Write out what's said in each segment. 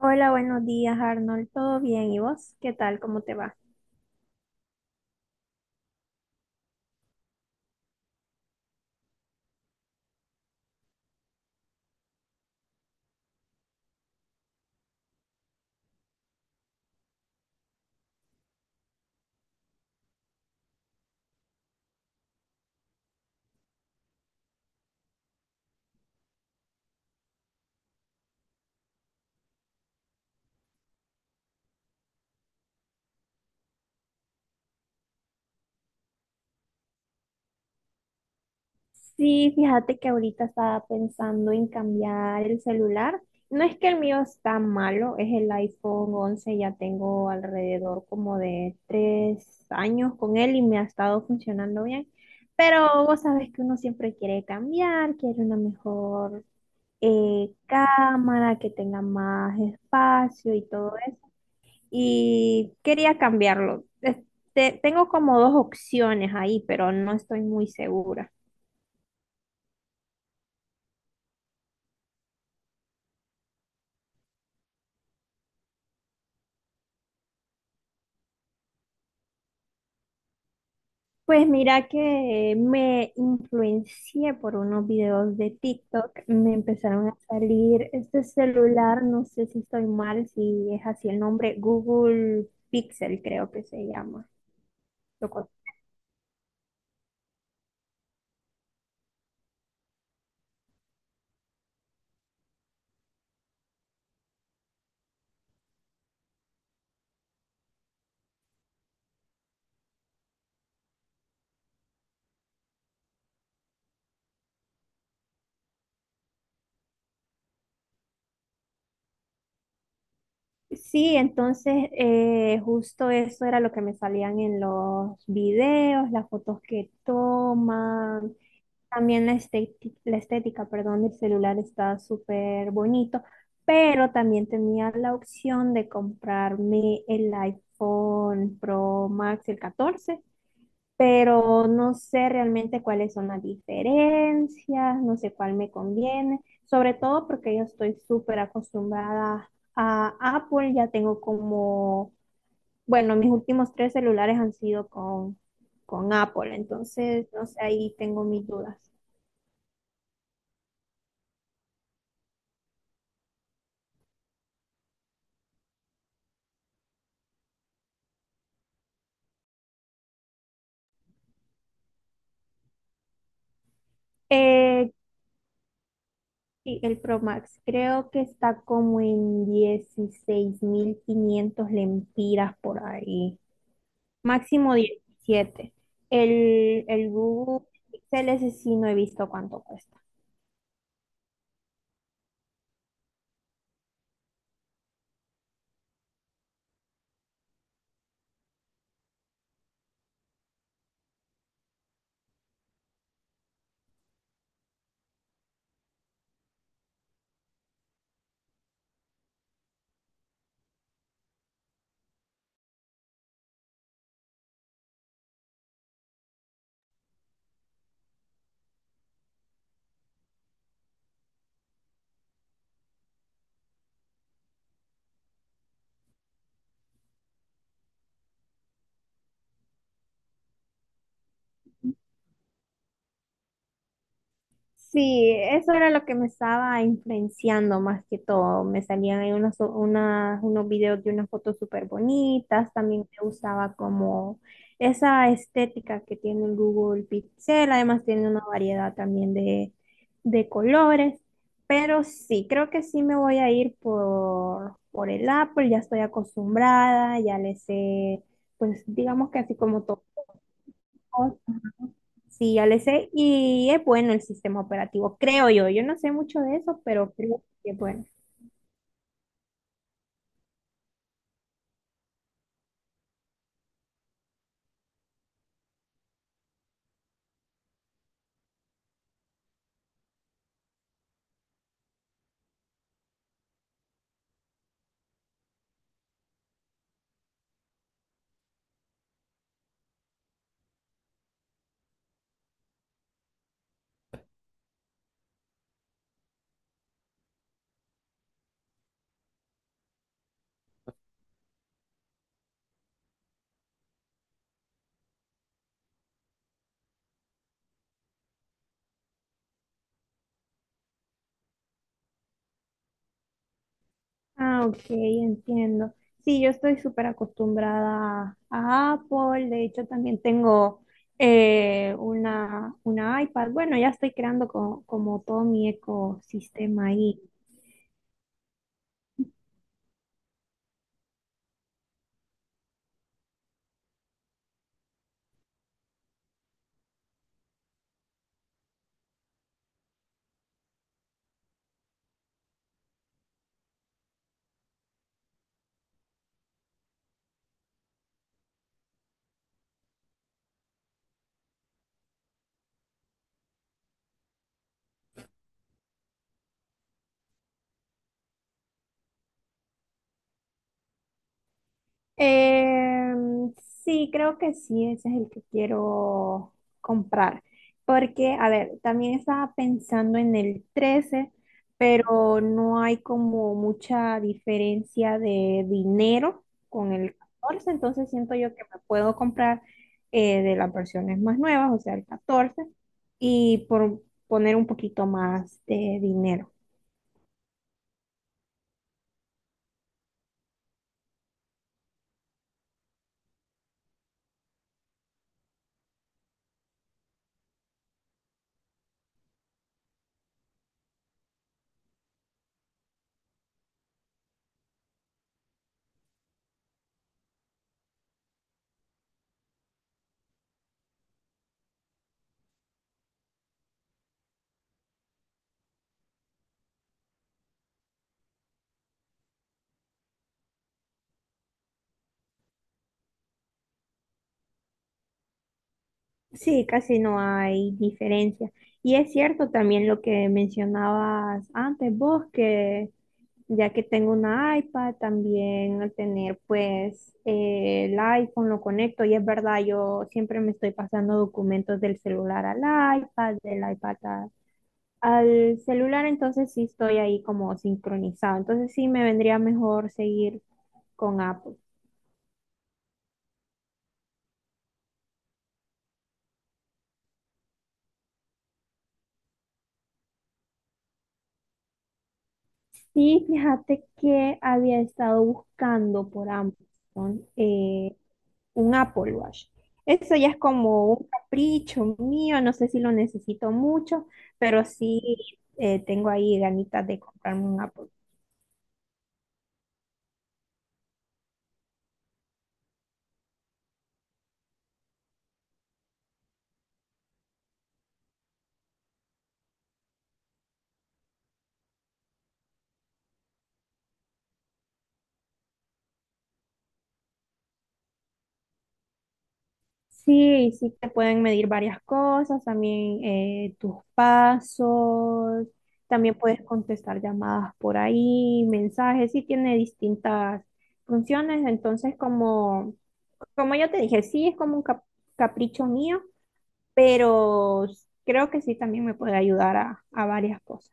Hola, buenos días, Arnold. ¿Todo bien? ¿Y vos? ¿Qué tal? ¿Cómo te va? Sí, fíjate que ahorita estaba pensando en cambiar el celular. No es que el mío está malo, es el iPhone 11, ya tengo alrededor como de 3 años con él y me ha estado funcionando bien. Pero vos sabes que uno siempre quiere cambiar, quiere una mejor cámara, que tenga más espacio y todo, y quería cambiarlo. Este, tengo como dos opciones ahí, pero no estoy muy segura. Pues mira que me influencié por unos videos de TikTok, me empezaron a salir este celular, no sé si estoy mal, si es así el nombre, Google Pixel creo que se llama. Lo con- Sí, entonces justo eso era lo que me salían en los videos, las fotos que toman. También la estética, perdón, del celular está súper bonito, pero también tenía la opción de comprarme el iPhone Pro Max, el 14, pero no sé realmente cuáles son las diferencias, no sé cuál me conviene, sobre todo porque yo estoy súper acostumbrada a Apple, ya tengo como, bueno, mis últimos tres celulares han sido con Apple, entonces, no sé, ahí tengo mis dudas. Eh, sí, el Pro Max creo que está como en 16,500 lempiras por ahí, máximo 17. El Google Pixel ese sí no he visto cuánto cuesta. Sí, eso era lo que me estaba influenciando más que todo. Me salían ahí unos videos de unas fotos súper bonitas. También me gustaba como esa estética que tiene el Google Pixel. Además tiene una variedad también de colores. Pero sí, creo que sí me voy a ir por el Apple. Ya estoy acostumbrada, ya le sé, pues digamos que así como todo. Sí, ya le sé. Y es bueno el sistema operativo, creo yo. Yo no sé mucho de eso, pero creo que es bueno. Ah, ok, entiendo. Sí, yo estoy súper acostumbrada a Apple. De hecho, también tengo una iPad. Bueno, ya estoy creando como todo mi ecosistema ahí. Em, sí, creo que sí, ese es el que quiero comprar. Porque, a ver, también estaba pensando en el 13, pero no hay como mucha diferencia de dinero con el 14, entonces siento yo que me puedo comprar de las versiones más nuevas, o sea, el 14, y por poner un poquito más de dinero. Sí, casi no hay diferencia. Y es cierto también lo que mencionabas antes vos, que ya que tengo una iPad, también al tener pues el iPhone lo conecto y es verdad, yo siempre me estoy pasando documentos del celular al iPad, del iPad al celular, entonces sí estoy ahí como sincronizado. Entonces sí me vendría mejor seguir con Apple. Sí, fíjate que había estado buscando por Amazon. Un Apple Watch. Eso ya es como un capricho mío, no sé si lo necesito mucho, pero sí tengo ahí ganitas de comprarme un Apple. Sí, sí te pueden medir varias cosas, también tus pasos, también puedes contestar llamadas por ahí, mensajes, sí tiene distintas funciones, entonces como ya te dije, sí es como un capricho mío, pero creo que sí también me puede ayudar a varias cosas.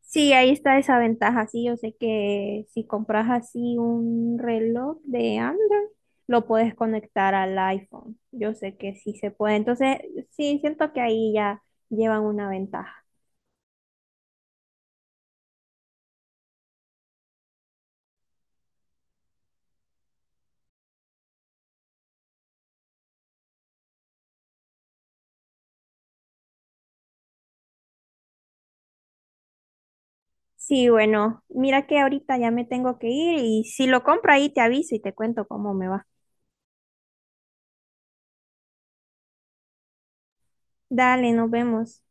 Sí, ahí está esa ventaja. Sí, yo sé que si compras así un reloj de Android, lo puedes conectar al iPhone. Yo sé que sí se puede. Entonces, sí, siento que ahí ya llevan una ventaja. Sí, bueno, mira que ahorita ya me tengo que ir y si lo compro ahí te aviso y te cuento cómo me va. Dale, nos vemos.